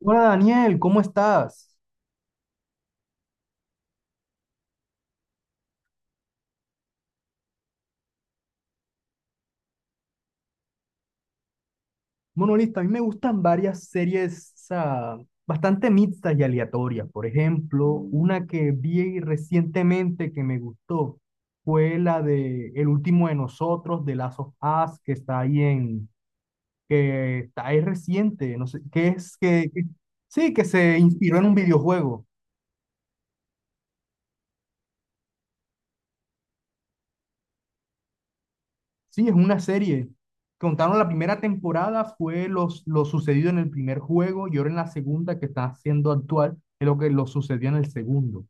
Hola Daniel, ¿cómo estás? Bueno, listo, a mí me gustan varias series, o bastante mixtas y aleatorias. Por ejemplo, una que vi recientemente que me gustó fue la de El último de nosotros, de Last of Us, que está ahí reciente, no sé, que es que- sí, que se inspiró en un videojuego. Sí, es una serie. Contaron la primera temporada, fue lo sucedido en el primer juego y ahora en la segunda que está siendo actual, es lo que lo sucedió en el segundo.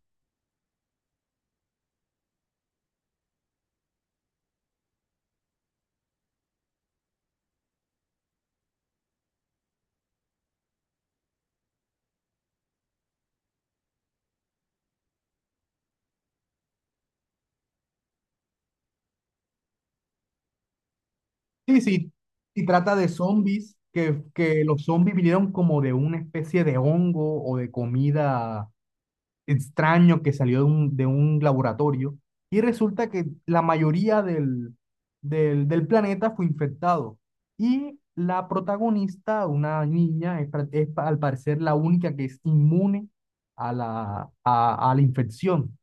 Sí, sí, y trata de zombies, que los zombies vinieron como de una especie de hongo o de comida extraño que salió de un laboratorio y resulta que la mayoría del planeta fue infectado. Y la protagonista, una niña, es, al parecer la única que es inmune a la infección.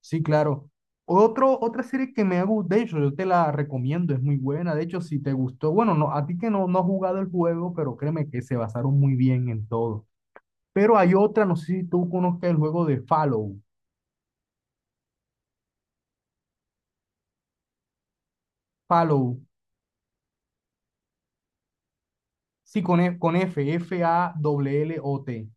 Sí, claro. Otra serie que me ha gustado, de hecho, yo te la recomiendo, es muy buena. De hecho, si te gustó, bueno, no, a ti que no has jugado el juego, pero créeme que se basaron muy bien en todo. Pero hay otra, no sé si tú conozcas el juego de Fallout. Fallout. Sí, con F, F-A-L-L-O-T.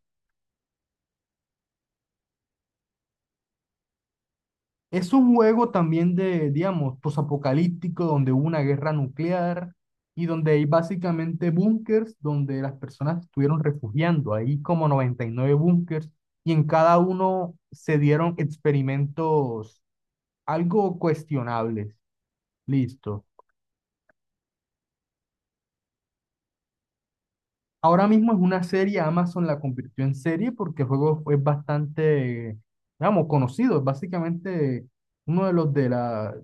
Es un juego también de, digamos, posapocalíptico, donde hubo una guerra nuclear y donde hay básicamente búnkers donde las personas estuvieron refugiando. Hay como 99 búnkers y en cada uno se dieron experimentos algo cuestionables. Listo. Ahora mismo es una serie, Amazon la convirtió en serie porque el juego es bastante, digamos, conocido, es básicamente uno de los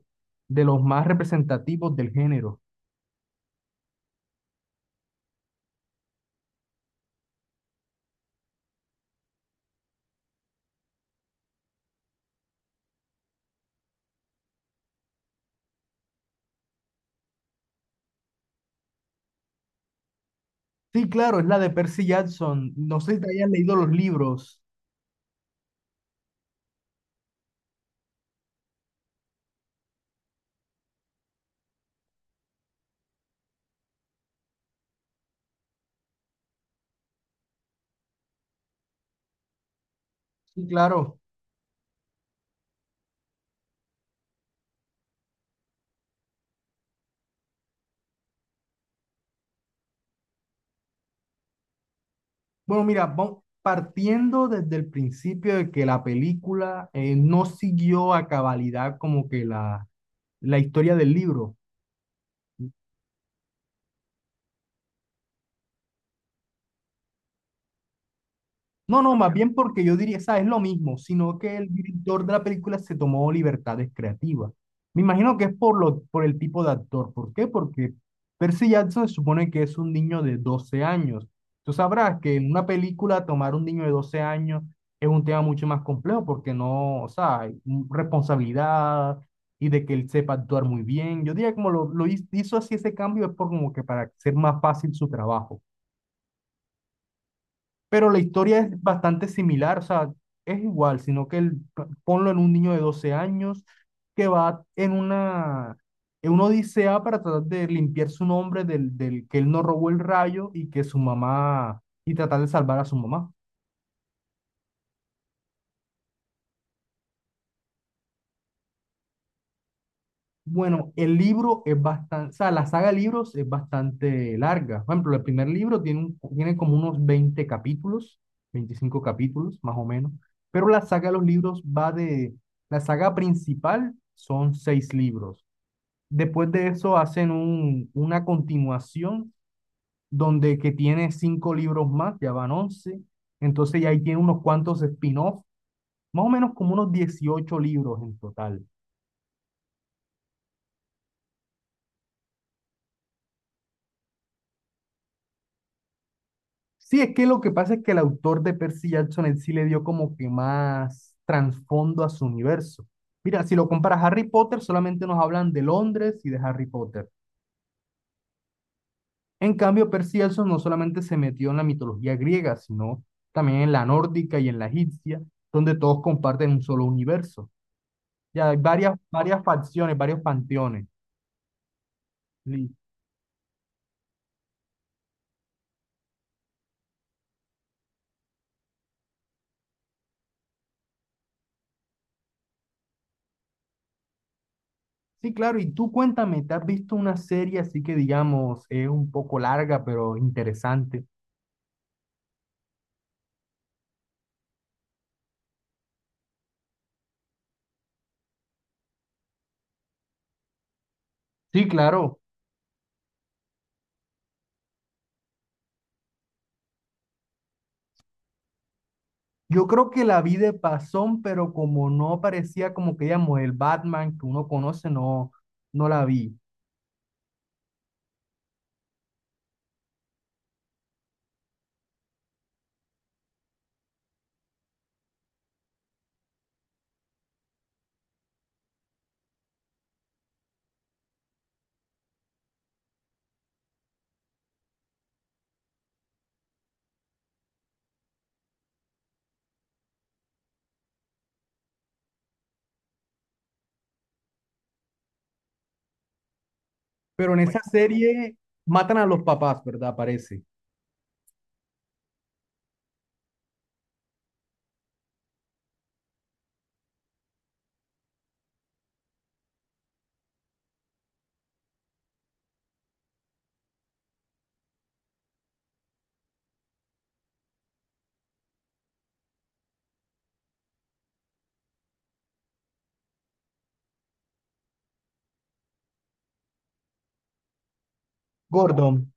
de los más representativos del género. Sí, claro, es la de Percy Jackson. No sé si te hayas leído los libros. Sí, claro. Bueno, mira, vamos partiendo desde el principio de que la película no siguió a cabalidad como que la historia del libro. No, no, más bien porque yo diría, ¿sabes? Es lo mismo, sino que el director de la película se tomó libertades creativas. Me imagino que es por, lo, por el tipo de actor. ¿Por qué? Porque Percy Jackson se supone que es un niño de 12 años. Tú sabrás que en una película tomar un niño de 12 años es un tema mucho más complejo porque no, o sea, hay responsabilidad y de que él sepa actuar muy bien. Yo diría que como lo hizo así ese cambio es por como que para ser más fácil su trabajo. Pero la historia es bastante similar, o sea, es igual, sino que el, ponlo en un niño de 12 años que va en una odisea para tratar de limpiar su nombre del que él no robó el rayo y que su mamá, y tratar de salvar a su mamá. Bueno, el libro es bastante, o sea, la saga de libros es bastante larga. Por ejemplo, el primer libro tiene como unos 20 capítulos, 25 capítulos más o menos, pero la saga de los libros va de, la saga principal son seis libros. Después de eso hacen una continuación donde que tiene cinco libros más, ya van 11. Entonces ya ahí tiene unos cuantos spin-offs, más o menos como unos 18 libros en total. Sí, es que lo que pasa es que el autor de Percy Jackson, él sí le dio como que más trasfondo a su universo. Mira, si lo comparas a Harry Potter, solamente nos hablan de Londres y de Harry Potter. En cambio, Percy Jackson no solamente se metió en la mitología griega, sino también en la nórdica y en la egipcia, donde todos comparten un solo universo. Ya hay varias, varias facciones, varios panteones. Li- Sí, claro, y tú cuéntame, ¿te has visto una serie así que digamos es un poco larga, pero interesante? Sí, claro. Yo creo que la vi de pasón, pero como no parecía como que, digamos, el Batman que uno conoce, no, no la vi. Pero en Bueno, esa serie matan a los papás, ¿verdad? Parece. Gordon.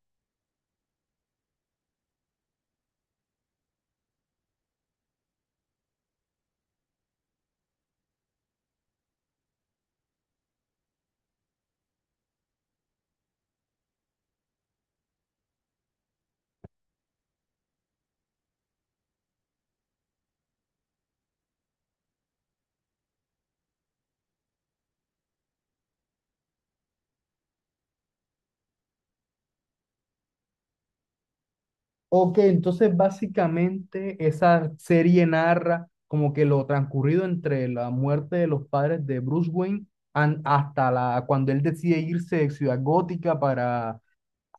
Ok, entonces básicamente esa serie narra como que lo transcurrido entre la muerte de los padres de Bruce Wayne hasta la, cuando él decide irse de Ciudad Gótica para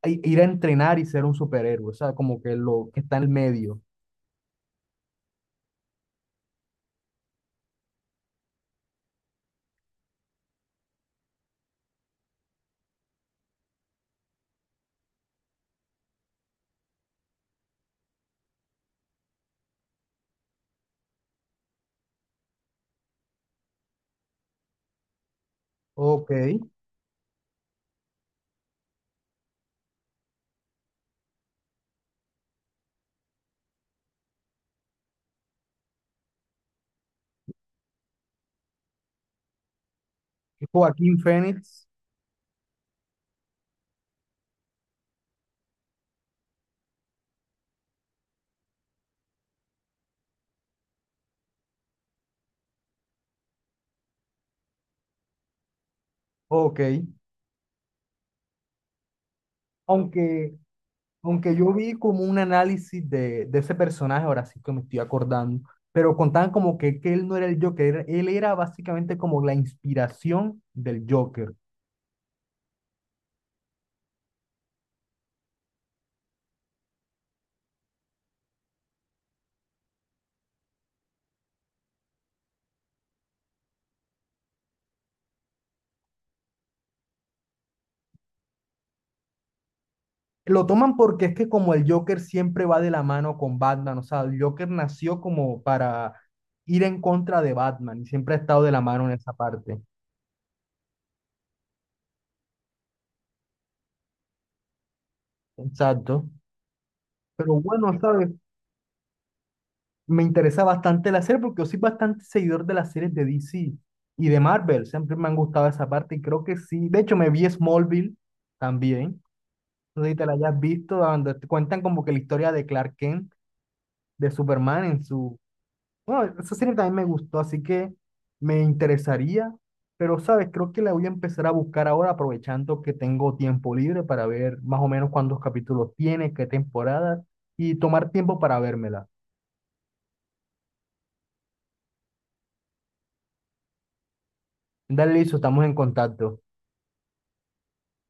ir a entrenar y ser un superhéroe. O sea, como que lo que está en el medio. Ok. Joaquín Phoenix. Ok, aunque, aunque yo vi como un análisis de ese personaje, ahora sí que me estoy acordando, pero contaban como que él no era el Joker, él era básicamente como la inspiración del Joker. Lo toman porque es que como el Joker siempre va de la mano con Batman, o sea, el Joker nació como para ir en contra de Batman y siempre ha estado de la mano en esa parte. Exacto. Pero bueno, ¿sabes? Me interesa bastante la serie porque yo soy bastante seguidor de las series de DC y de Marvel. Siempre me han gustado esa parte y creo que sí. De hecho, me vi Smallville también. No sé si te la hayas visto, donde te cuentan como que la historia de Clark Kent, de Superman en su... Bueno, esa serie también me gustó, así que me interesaría. Pero, ¿sabes? Creo que la voy a empezar a buscar ahora, aprovechando que tengo tiempo libre para ver más o menos cuántos capítulos tiene, qué temporada y tomar tiempo para vérmela. Dale, listo, estamos en contacto.